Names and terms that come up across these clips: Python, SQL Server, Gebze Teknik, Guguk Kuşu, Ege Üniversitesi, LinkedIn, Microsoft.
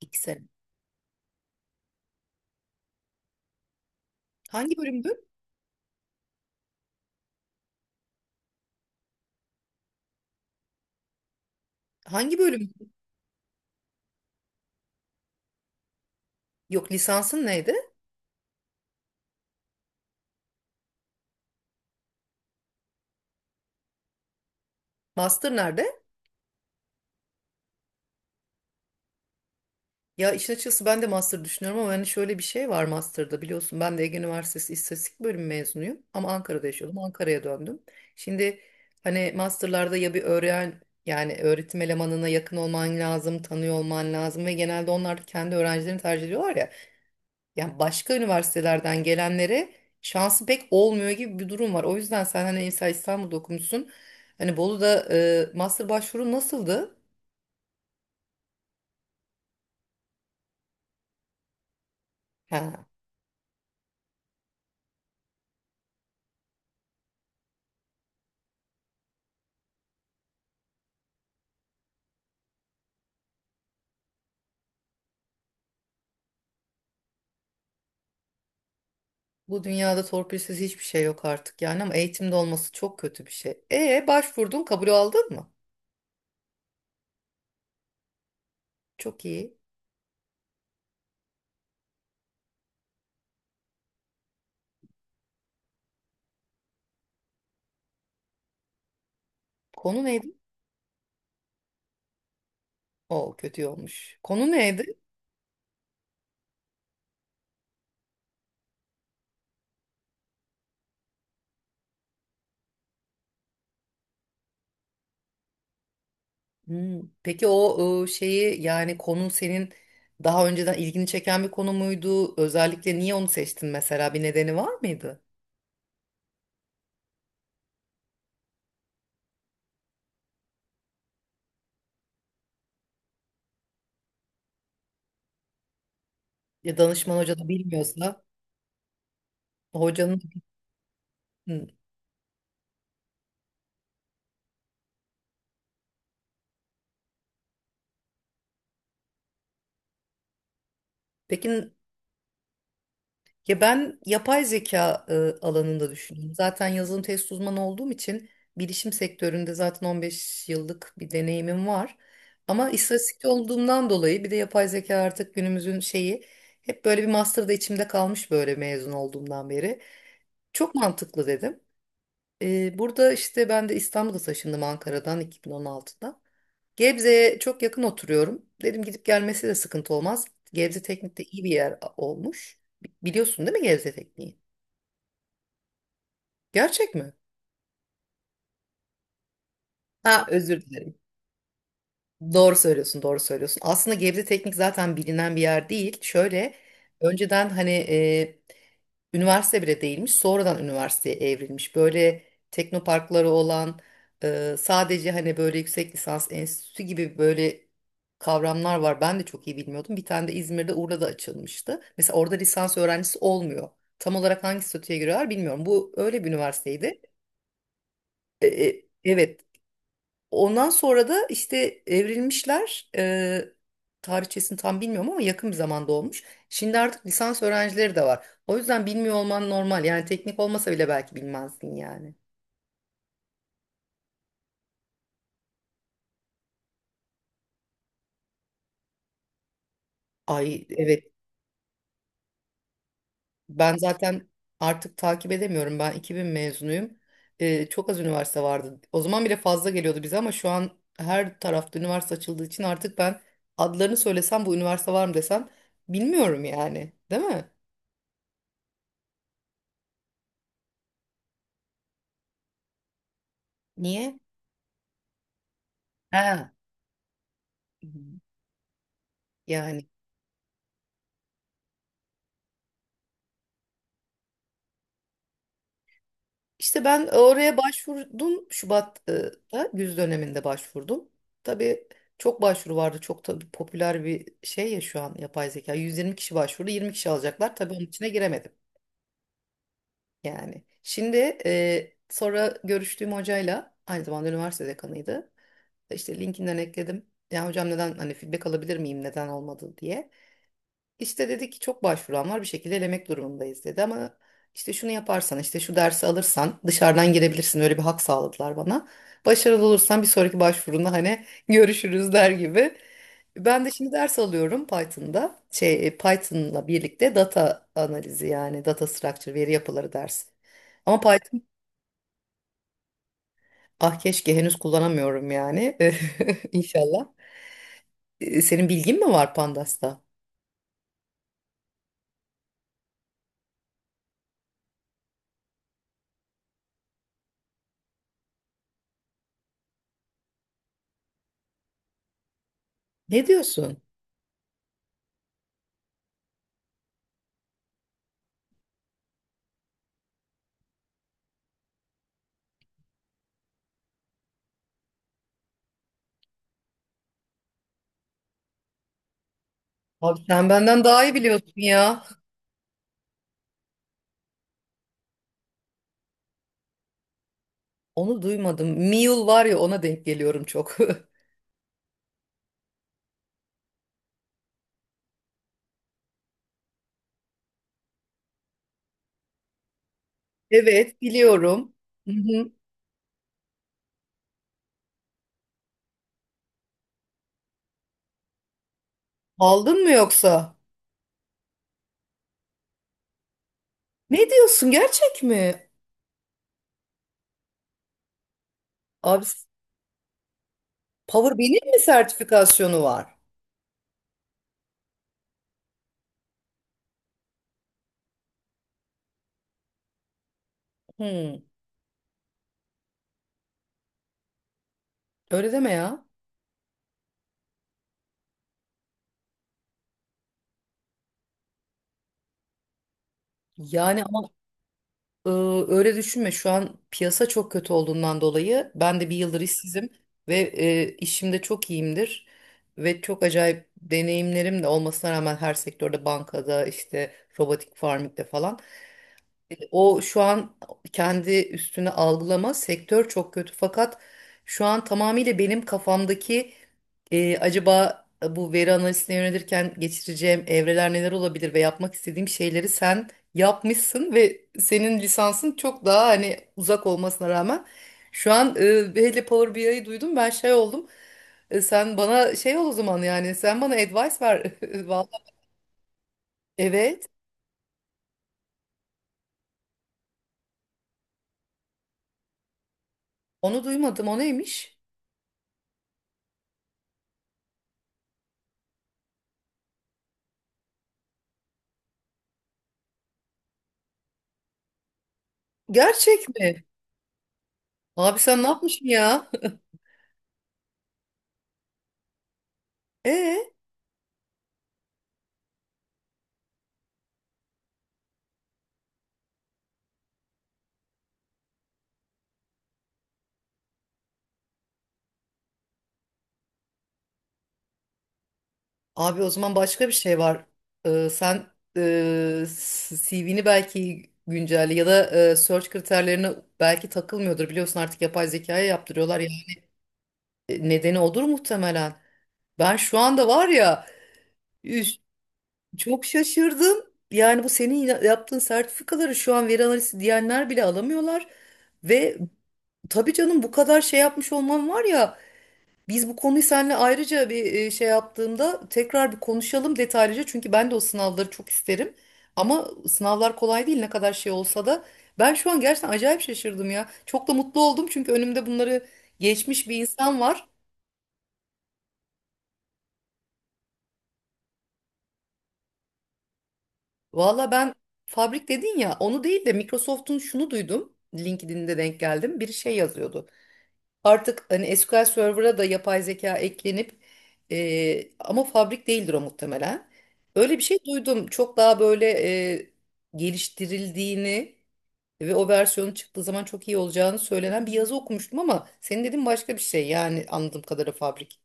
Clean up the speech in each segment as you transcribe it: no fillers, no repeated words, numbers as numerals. İki sene. Hangi bölümdü? Hangi bölüm? Yok, lisansın neydi? Master nerede? Ya, işin açıkçası ben de master düşünüyorum ama hani şöyle bir şey var master'da, biliyorsun, ben de Ege Üniversitesi İstatistik bölümü mezunuyum ama Ankara'da yaşıyordum, Ankara'ya döndüm. Şimdi hani master'larda ya bir öğren yani öğretim elemanına yakın olman lazım, tanıyor olman lazım ve genelde onlar kendi öğrencilerini tercih ediyorlar ya. Yani başka üniversitelerden gelenlere şansı pek olmuyor gibi bir durum var. O yüzden sen hani mesela İstanbul'da okumuşsun. Hani Bolu'da master başvuru nasıldı? Ha, bu dünyada torpilsiz hiçbir şey yok artık yani ama eğitimde olması çok kötü bir şey. E, başvurdun, kabul aldın mı? Çok iyi. Konu neydi? O kötü olmuş. Konu neydi? Peki o şeyi yani konu senin daha önceden ilgini çeken bir konu muydu? Özellikle niye onu seçtin, mesela bir nedeni var mıydı? Ya, danışman hoca da bilmiyorsa hocanın. Hı. Peki, ya ben yapay zeka alanında düşünüyorum. Zaten yazılım test uzmanı olduğum için bilişim sektöründe zaten 15 yıllık bir deneyimim var. Ama istatistikçi olduğumdan dolayı bir de yapay zeka artık günümüzün şeyi, hep böyle bir master da içimde kalmış böyle mezun olduğumdan beri. Çok mantıklı dedim. E, burada işte ben de İstanbul'a taşındım Ankara'dan 2016'da. Gebze'ye çok yakın oturuyorum. Dedim gidip gelmesi de sıkıntı olmaz. Gebze Teknik de iyi bir yer olmuş. Biliyorsun değil mi Gebze Teknik'i? Gerçek mi? Ha, özür dilerim. Doğru söylüyorsun, doğru söylüyorsun. Aslında Gebze Teknik zaten bilinen bir yer değil. Şöyle önceden hani üniversite bile değilmiş, sonradan üniversiteye evrilmiş. Böyle teknoparkları olan, sadece hani böyle yüksek lisans enstitüsü gibi böyle kavramlar var. Ben de çok iyi bilmiyordum. Bir tane de İzmir'de Urla'da açılmıştı. Mesela orada lisans öğrencisi olmuyor. Tam olarak hangi statüye giriyorlar bilmiyorum. Bu öyle bir üniversiteydi. Evet, ondan sonra da işte evrilmişler. Tarihçesini tam bilmiyorum ama yakın bir zamanda olmuş. Şimdi artık lisans öğrencileri de var. O yüzden bilmiyor olman normal. Yani teknik olmasa bile belki bilmezsin yani. Ay, evet, ben zaten artık takip edemiyorum. Ben 2000 mezunuyum. Çok az üniversite vardı. O zaman bile fazla geliyordu bize ama şu an her tarafta üniversite açıldığı için artık ben adlarını söylesem bu üniversite var mı desem bilmiyorum yani. Değil mi? Niye? Ha. Yani, İşte ben oraya başvurdum Şubat'ta, güz döneminde başvurdum. Tabii çok başvuru vardı. Çok tabii popüler bir şey ya şu an yapay zeka. 120 kişi başvurdu. 20 kişi alacaklar. Tabii onun içine giremedim. Yani şimdi sonra görüştüğüm hocayla aynı zamanda üniversite dekanıydı. İşte LinkedIn'den ekledim. Ya hocam, neden hani feedback alabilir miyim, neden olmadı diye. İşte dedi ki çok başvuran var, bir şekilde elemek durumundayız dedi ama işte şunu yaparsan, işte şu dersi alırsan dışarıdan girebilirsin, öyle bir hak sağladılar bana. Başarılı olursan bir sonraki başvurunda hani görüşürüz der gibi. Ben de şimdi ders alıyorum Python'da. Şey Python'la birlikte data analizi yani data structure, veri yapıları dersi. Ama Python, ah, keşke henüz kullanamıyorum yani inşallah. Senin bilgin mi var Pandas'ta? Ne diyorsun? Abi sen benden daha iyi biliyorsun ya. Onu duymadım. Mule var ya, ona denk geliyorum çok. Evet, biliyorum. Hı hı. Aldın mı yoksa? Ne diyorsun, gerçek mi? Abi, Power benim mi sertifikasyonu var? Hmm, Öyle deme ya. Yani ama e, öyle düşünme, şu an piyasa çok kötü olduğundan dolayı ben de bir yıldır işsizim ve işimde çok iyiyimdir. Ve çok acayip deneyimlerim de olmasına rağmen her sektörde, bankada, işte robotik farmingde falan. O şu an kendi üstüne algılama, sektör çok kötü fakat şu an tamamıyla benim kafamdaki acaba bu veri analizine yönelirken geçireceğim evreler neler olabilir ve yapmak istediğim şeyleri sen yapmışsın ve senin lisansın çok daha hani uzak olmasına rağmen şu an hele Power BI'yi duydum, ben şey oldum. E, sen bana şey ol o zaman, yani sen bana advice ver. Vallahi evet, onu duymadım, o neymiş? Gerçek mi? Abi sen ne yapmışsın ya? Ee, Abi o zaman başka bir şey var. Sen e, CV'ni belki güncelle ya da search kriterlerine belki takılmıyordur. Biliyorsun artık yapay zekaya yaptırıyorlar ya. E, nedeni odur muhtemelen. Ben şu anda var ya, üf, çok şaşırdım. Yani bu senin yaptığın sertifikaları şu an veri analizi diyenler bile alamıyorlar. Ve tabii canım, bu kadar şey yapmış olman var ya. Biz bu konuyu seninle ayrıca bir şey yaptığımda tekrar bir konuşalım detaylıca. Çünkü ben de o sınavları çok isterim. Ama sınavlar kolay değil ne kadar şey olsa da. Ben şu an gerçekten acayip şaşırdım ya. Çok da mutlu oldum çünkü önümde bunları geçmiş bir insan var. Valla ben fabrik dedin ya, onu değil de Microsoft'un şunu duydum. LinkedIn'de denk geldim. Biri şey yazıyordu. Artık hani SQL Server'a da yapay zeka eklenip ama fabrik değildir o muhtemelen. Öyle bir şey duydum. Çok daha böyle e, geliştirildiğini ve o versiyonun çıktığı zaman çok iyi olacağını söylenen bir yazı okumuştum ama senin dediğin başka bir şey, yani anladığım kadarıyla fabrik.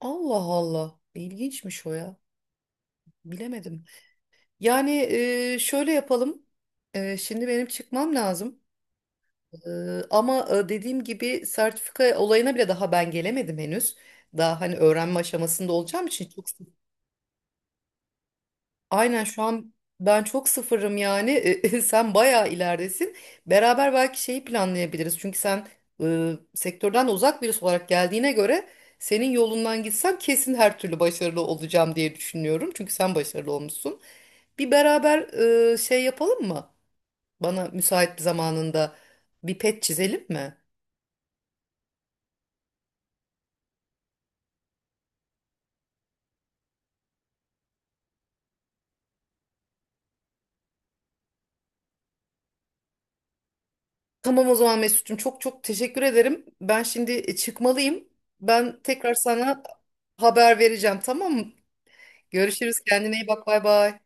Allah Allah. İlginçmiş o ya. Bilemedim. Yani şöyle yapalım. E, şimdi benim çıkmam lazım. Ama dediğim gibi sertifika olayına bile daha ben gelemedim henüz. Daha hani öğrenme aşamasında olacağım için çok. Aynen, şu an ben çok sıfırım yani. E, sen bayağı ileridesin. Beraber belki şeyi planlayabiliriz. Çünkü sen sektörden de uzak birisi olarak geldiğine göre, senin yolundan gitsem kesin her türlü başarılı olacağım diye düşünüyorum. Çünkü sen başarılı olmuşsun. Bir beraber şey yapalım mı? Bana müsait bir zamanında bir pet çizelim mi? Tamam o zaman Mesut'cum, çok çok teşekkür ederim. Ben şimdi çıkmalıyım. Ben tekrar sana haber vereceğim, tamam mı? Görüşürüz, kendine iyi bak, bay bay.